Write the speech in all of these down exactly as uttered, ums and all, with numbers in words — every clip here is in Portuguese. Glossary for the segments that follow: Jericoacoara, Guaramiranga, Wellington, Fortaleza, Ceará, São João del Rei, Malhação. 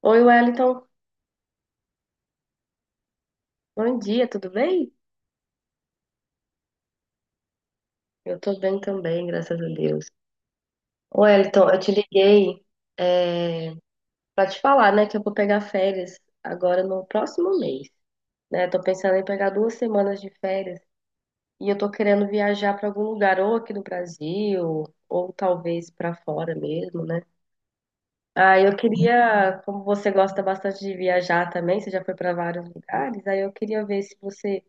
Oi, Wellington. Bom dia, tudo bem? Eu tô bem também, graças a Deus. Ô, Wellington, eu te liguei é, pra te falar, né, que eu vou pegar férias agora no próximo mês, né? Tô pensando em pegar duas semanas de férias e eu tô querendo viajar pra algum lugar, ou aqui no Brasil, ou talvez pra fora mesmo, né? Ah, eu queria, como você gosta bastante de viajar também, você já foi pra vários lugares, aí eu queria ver se você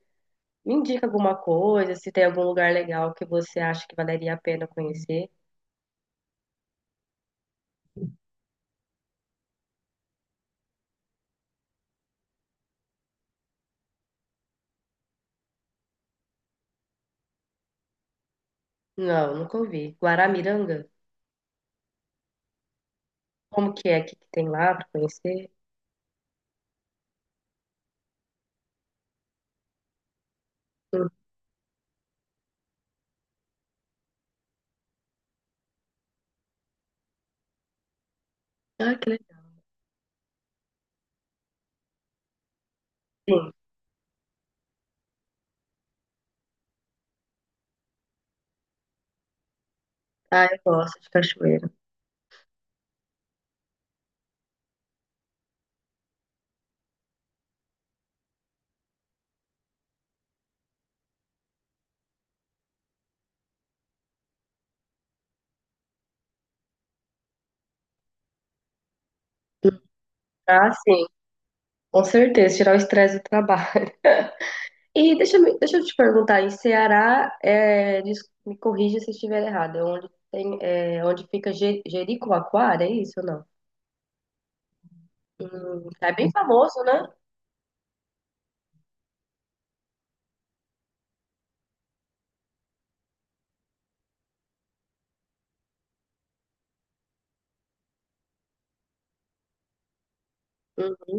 me indica alguma coisa, se tem algum lugar legal que você acha que valeria a pena conhecer. Não, nunca ouvi. Guaramiranga? Como que é? O que que tem lá para conhecer? Hum. Ah, que legal. Sim. Ah, eu gosto de cachoeira. Ah, sim. Com certeza, tirar o estresse do trabalho. E deixa, eu me- deixa eu te perguntar, em Ceará, é, des- me corrija se estiver errado, é onde tem, é, onde fica Je- Jericoacoara, é isso ou não? Hum, é bem famoso, né? Uhum.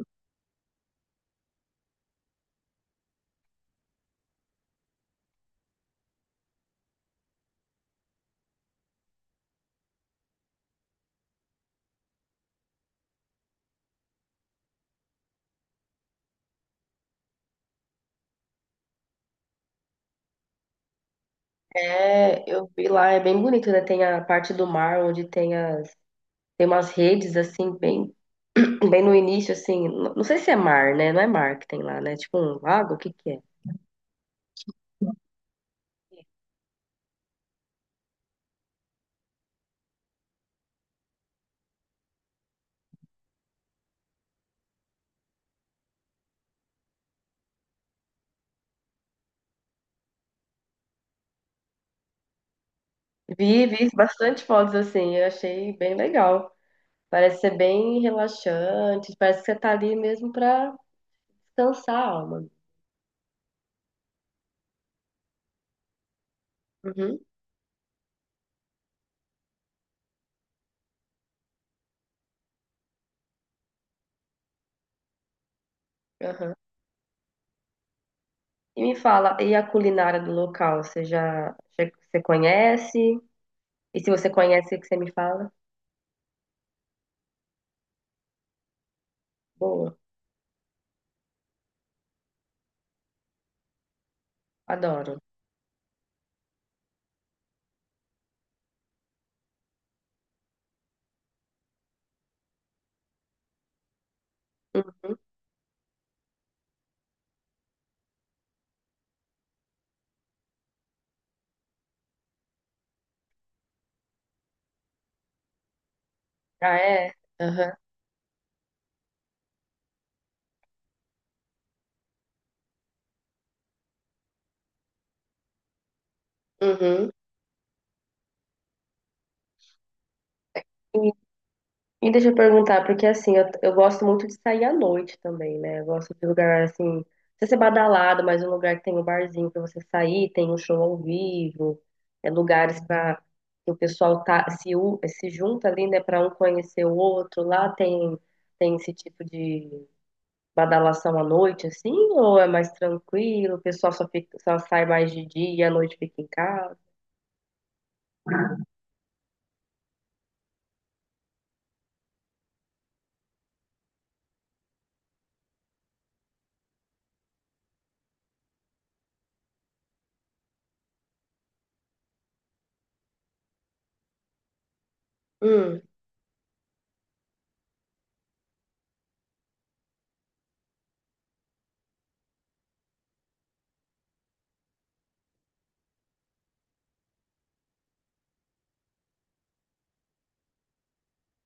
É, eu vi lá, é bem bonito, né? Tem a parte do mar onde tem as, tem umas redes assim bem bem no início assim, n- não sei se é mar, né? Não é mar que tem lá, né? Tipo um lago, o que que é? Vi, vi bastante fotos assim, eu achei bem legal. Parece ser bem relaxante, parece que você tá ali mesmo pra descansar a alma. Uhum, aham. E me fala, e a culinária do local, você já você você conhece? E se você conhece, o que você me fala? Boa, adoro. Uhum. Ah, é? Aham. Uhum. E, e deixa eu perguntar, porque assim, eu, eu gosto muito de sair à noite também, né? Eu gosto de lugar assim, não precisa ser badalado, mas um lugar que tem um barzinho pra você sair, tem um show ao vivo, é lugares pra que o pessoal tá, se, u- se junta ali, né, pra um conhecer o outro. Lá tem, tem esse tipo de badalação à noite, assim, ou é mais tranquilo, o pessoal só fica, só sai mais de dia e à noite fica em casa?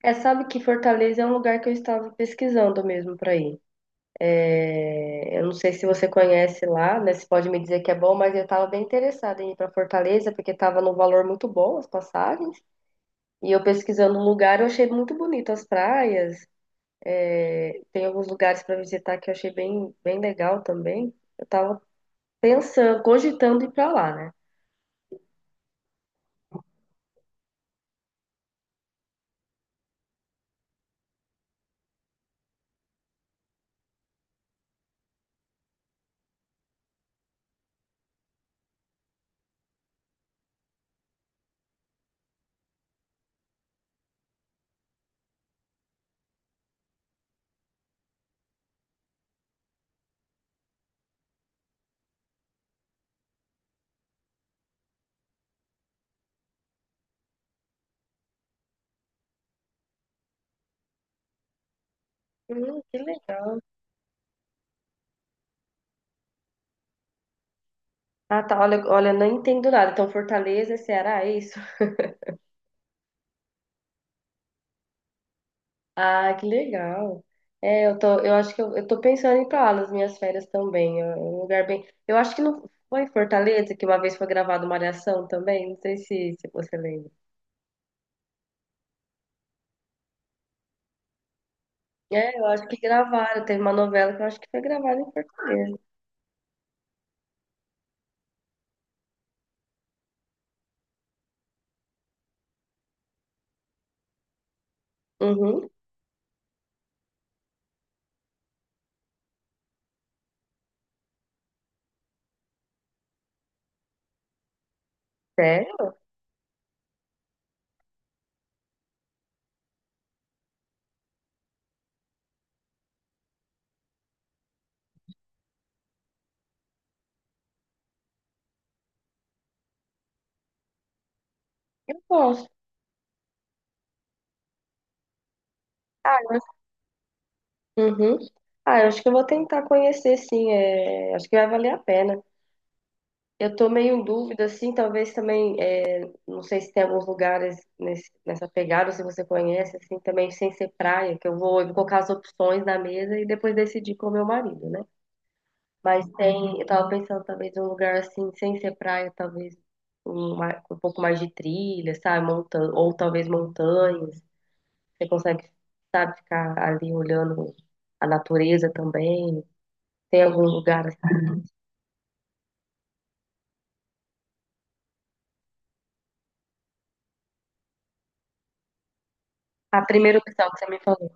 É, sabe que Fortaleza é um lugar que eu estava pesquisando mesmo para ir. É, eu não sei se você conhece lá, né? Você pode me dizer que é bom, mas eu estava bem interessada em ir para Fortaleza porque estava num valor muito bom as passagens. E eu pesquisando o lugar, eu achei muito bonito as praias. É, tem alguns lugares para visitar que eu achei bem, bem legal também. Eu estava pensando, cogitando ir para lá, né? Hum, que legal. Ah, tá. Olha, olha, não entendo nada. Então, Fortaleza, Ceará, é isso? Ah, que legal. É, eu tô, eu acho que eu, eu tô pensando em ir pra lá nas minhas férias também. É um lugar bem. Eu acho que não foi em Fortaleza que uma vez foi gravada uma Malhação também. Não sei se, se você lembra. É, eu acho que gravaram. Teve uma novela que eu acho que foi gravada em Fortaleza. Uhum. Sério? Eu gosto. Ah, uhum. Ah, eu acho que eu vou tentar conhecer, sim. É, acho que vai valer a pena. Eu tô meio em dúvida, assim, talvez também. Não sei se tem alguns lugares nesse, nessa pegada, se você conhece, assim, também sem ser praia, que eu vou, eu vou colocar as opções na mesa e depois decidir com o meu marido, né? Mas tem, eu tava pensando talvez um lugar assim, sem ser praia, talvez um, ma- um pouco mais de trilha, sabe? Montan, ou talvez montanhas. Você consegue, sabe, ficar ali olhando a natureza também. Tem algum lugar assim. A primeira opção que você me falou.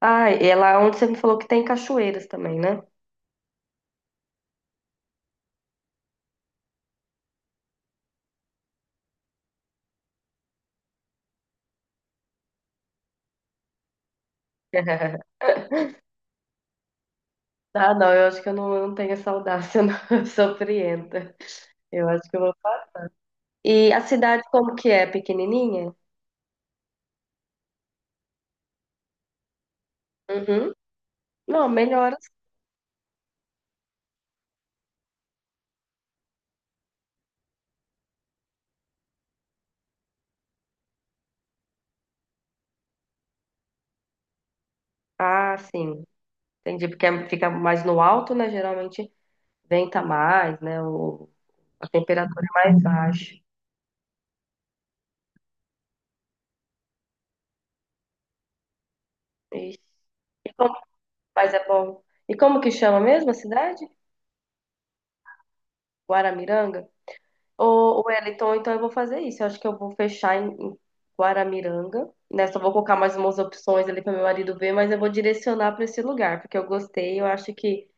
Ah, e é lá onde você me falou que tem cachoeiras também, né? Ah, não, eu acho que eu não, eu não tenho essa audácia, não. Eu sou frienta. Eu acho que eu vou. E a cidade como que é? Pequenininha? Uhum. Não, melhor assim. Ah, sim. Entendi, porque é- fica mais no alto, né? Geralmente venta mais, né? O, a temperatura é mais baixa. Ixi. E como... Mas é bom. E como que chama mesmo a cidade? Guaramiranga? Ô, Wellington, então eu vou fazer isso. Eu acho que eu vou fechar em, em Guaramiranga, né? Só vou colocar mais umas opções ali para meu marido ver, mas eu vou direcionar para esse lugar, porque eu gostei. Eu acho que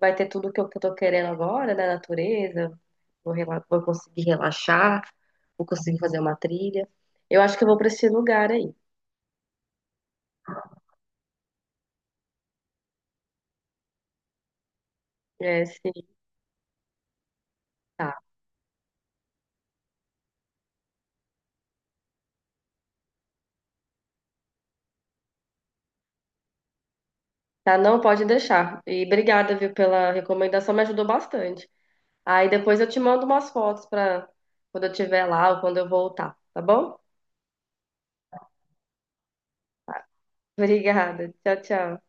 vai ter tudo que eu, que eu tô querendo agora, né? Natureza, vou, rela- vou conseguir relaxar, vou conseguir fazer uma trilha. Eu acho que eu vou para esse lugar aí. É, sim, tá. Tá, não pode deixar. E obrigada, viu, pela recomendação, me ajudou bastante. Aí depois eu te mando umas fotos para quando eu estiver lá ou quando eu voltar, tá bom? Obrigada. Tchau, tchau.